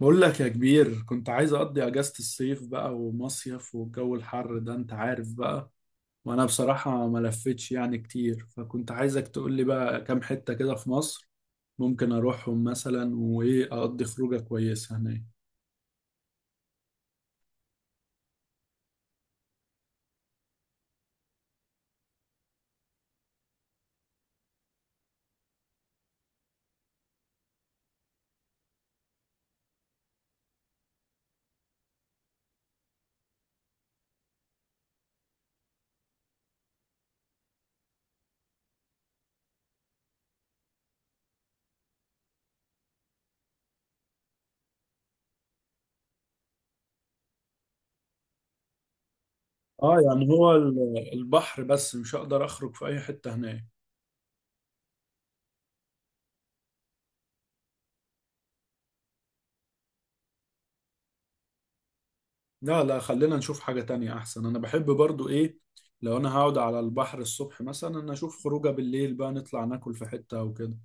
بقول لك يا كبير، كنت عايز اقضي اجازة الصيف بقى ومصيف، والجو الحر ده انت عارف بقى. وانا بصراحة ما لفتش يعني كتير، فكنت عايزك تقول لي بقى كام حتة كده في مصر ممكن اروحهم مثلا، وايه اقضي خروجة كويسة هناك. اه يعني هو البحر بس، مش هقدر اخرج في اي حتة هناك. لا لا، خلينا نشوف حاجة تانية احسن. انا بحب برضو ايه، لو انا هقعد على البحر الصبح مثلا، انا اشوف خروجة بالليل بقى، نطلع ناكل في حتة او كده.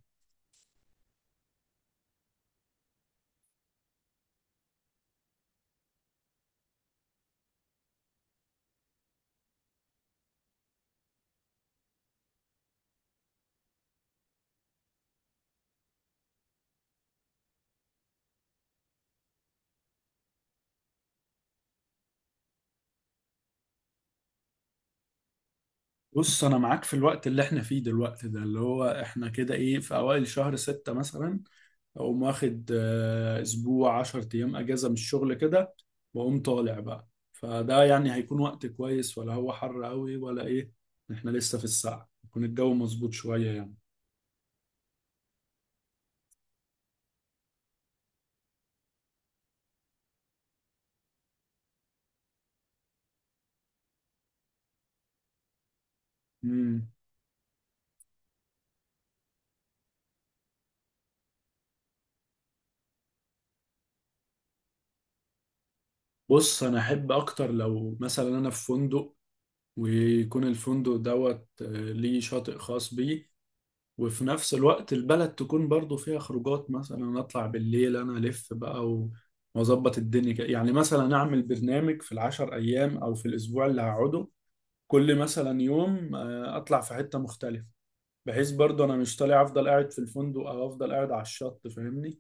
بص انا معاك، في الوقت اللي احنا فيه دلوقتي ده اللي هو احنا كده ايه، في اوائل شهر ستة مثلا، اقوم واخد اسبوع عشر ايام اجازة من الشغل كده، واقوم طالع بقى. فده يعني هيكون وقت كويس ولا هو حر قوي ولا ايه؟ احنا لسه في الساعة يكون الجو مظبوط شوية يعني. مم. بص انا احب اكتر لو مثلا انا في فندق، ويكون الفندق دوت ليه شاطئ خاص بيه، وفي نفس الوقت البلد تكون برضو فيها خروجات. مثلا اطلع بالليل انا الف بقى واظبط الدنيا كده. يعني مثلا اعمل برنامج في العشر ايام او في الاسبوع اللي هقعده، كل مثلا يوم اطلع في حتة مختلفة، بحيث برضو انا مش طالع افضل قاعد في الفندق او افضل قاعد على الشط، فاهمني.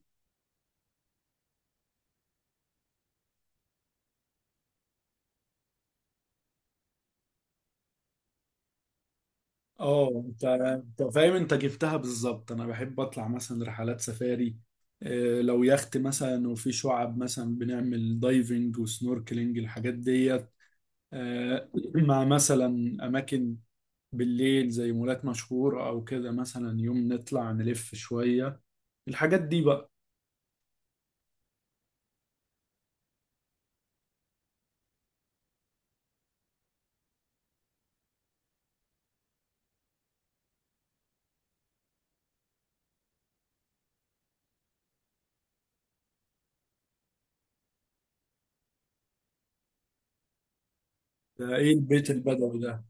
اه انت فاهم، انت جبتها بالظبط. انا بحب اطلع مثلا رحلات سفاري، لو يخت مثلا وفي شعب، مثلا بنعمل دايفنج وسنوركلينج الحاجات دي. آه، مع مثلا أماكن بالليل زي مولات مشهورة أو كده، مثلا يوم نطلع نلف شوية الحاجات دي بقى. ده إيه البيت البدوي ده؟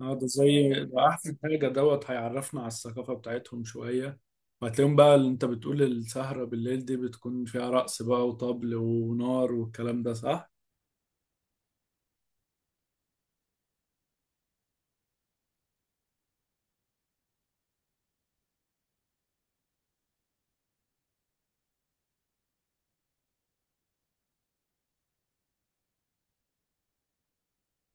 اه ده زي ده أحسن حاجة، دوت هيعرفنا على الثقافة بتاعتهم شوية. وهتلاقيهم بقى، اللي أنت بتقول السهرة بالليل دي، بتكون فيها رقص بقى وطبل ونار والكلام ده، صح؟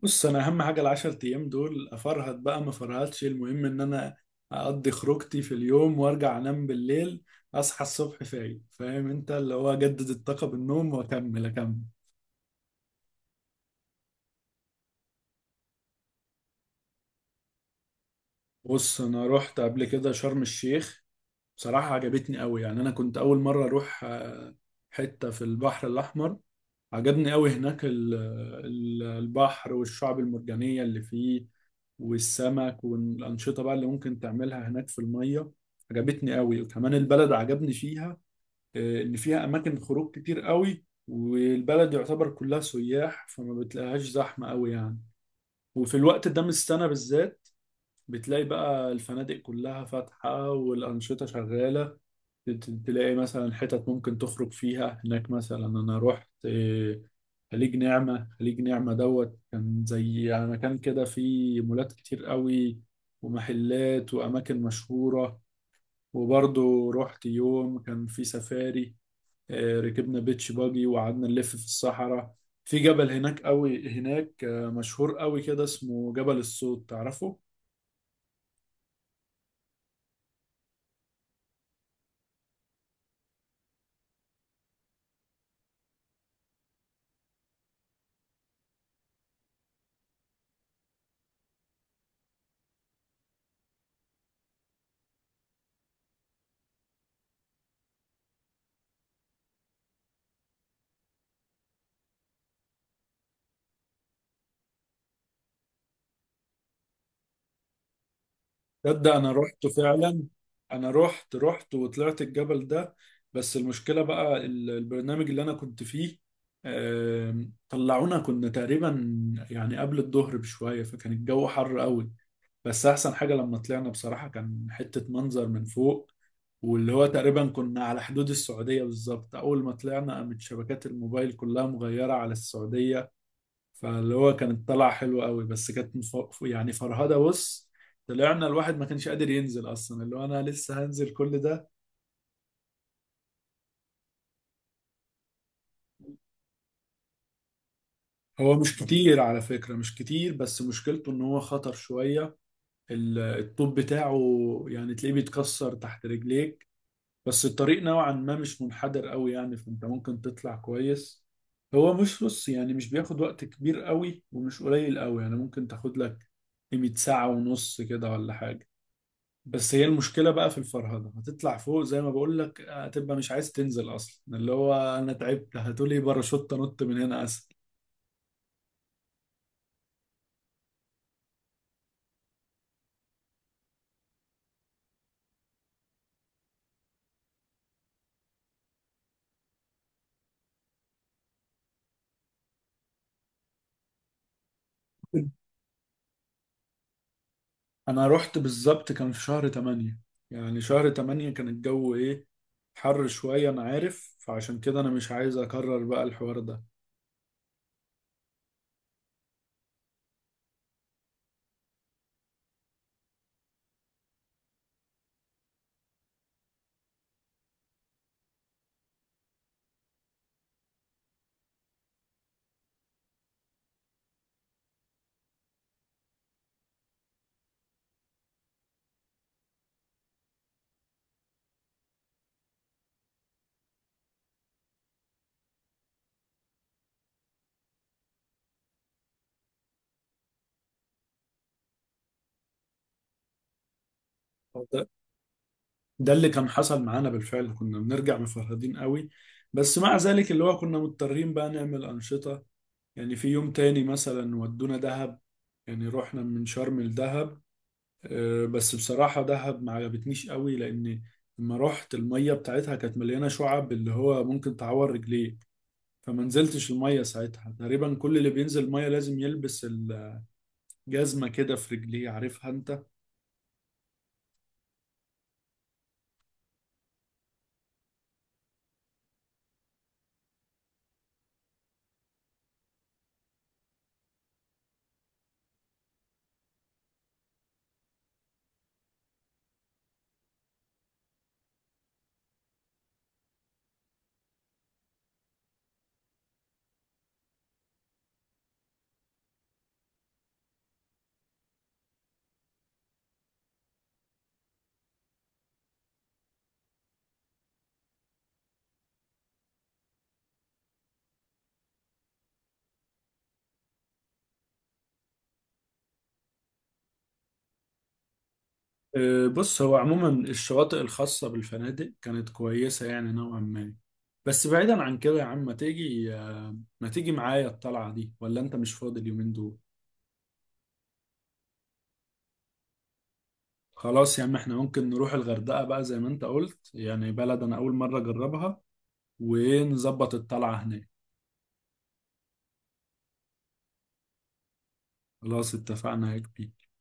بص، انا اهم حاجه العشر ايام دول افرهد بقى ما فرهدش، المهم ان انا اقضي خروجتي في اليوم وارجع انام بالليل، اصحى الصبح فايق. فاهم انت اللي هو اجدد الطاقه بالنوم واكمل اكمل. بص انا رحت قبل كده شرم الشيخ، بصراحه عجبتني قوي. يعني انا كنت اول مره اروح حته في البحر الاحمر. عجبني قوي هناك البحر والشعب المرجانية اللي فيه والسمك والأنشطة بقى اللي ممكن تعملها هناك في المية. عجبتني قوي، وكمان البلد عجبني فيها. إن فيها أماكن خروج كتير قوي، والبلد يعتبر كلها سياح فما بتلاقيهاش زحمة قوي يعني. وفي الوقت ده من السنة بالذات بتلاقي بقى الفنادق كلها فاتحة والأنشطة شغالة. تلاقي مثلا حتت ممكن تخرج فيها هناك. مثلا انا رحت خليج نعمة. خليج نعمة دوت كان زي يعني مكان كده فيه مولات كتير قوي ومحلات وأماكن مشهورة. وبرضه رحت يوم كان فيه سفاري، ركبنا بيتش باجي وقعدنا نلف في الصحراء. في جبل هناك قوي هناك، مشهور قوي كده، اسمه جبل الصوت، تعرفه؟ تصدق انا رحت فعلا. انا رحت وطلعت الجبل ده. بس المشكله بقى البرنامج اللي انا كنت فيه، طلعونا كنا تقريبا يعني قبل الظهر بشويه، فكان الجو حر قوي. بس احسن حاجه لما طلعنا بصراحه، كان حته منظر من فوق، واللي هو تقريبا كنا على حدود السعوديه بالظبط. اول ما طلعنا قامت شبكات الموبايل كلها مغيره على السعوديه. فاللي هو كانت طلع حلو قوي، بس كانت يعني فرهده. بص، طلعنا الواحد ما كانش قادر ينزل اصلا، اللي هو انا لسه هنزل كل ده. هو مش كتير على فكره، مش كتير، بس مشكلته ان هو خطر شويه. الطوب بتاعه يعني تلاقيه بيتكسر تحت رجليك، بس الطريق نوعا ما مش منحدر قوي يعني، فانت ممكن تطلع كويس. هو مش، بص يعني مش بياخد وقت كبير قوي ومش قليل قوي، يعني ممكن تاخد لك قيمة ساعة ونص كده ولا حاجة. بس هي المشكلة بقى في الفرهدة، هتطلع فوق زي ما بقول لك هتبقى مش عايز تنزل أصلا، اللي هو أنا تعبت هتقولي باراشوت أنط من هنا أسهل. أنا رحت بالظبط كان في شهر تمانية، يعني شهر تمانية كان الجو إيه؟ حر شوية أنا عارف، فعشان كده أنا مش عايز أكرر بقى الحوار ده. هو ده اللي كان حصل معانا بالفعل، كنا بنرجع مفرهدين قوي، بس مع ذلك اللي هو كنا مضطرين بقى نعمل أنشطة. يعني في يوم تاني مثلا ودونا دهب، يعني رحنا من شرم لدهب. بس بصراحة دهب ما عجبتنيش قوي، لأن لما رحت المية بتاعتها كانت مليانة شعب اللي هو ممكن تعور رجليك، فما نزلتش المية ساعتها. تقريبا كل اللي بينزل المية لازم يلبس الجزمة كده في رجليه، عارفها انت. بص، هو عموما الشواطئ الخاصة بالفنادق كانت كويسة يعني نوعا ما. بس بعيدا عن كده يا عم، ما تيجي معايا الطلعة دي ولا انت مش فاضي اليومين دول؟ خلاص يا عم، احنا ممكن نروح الغردقة بقى زي ما انت قلت، يعني بلد انا اول مرة اجربها، ونظبط الطلعة هناك. خلاص اتفقنا يا كبير.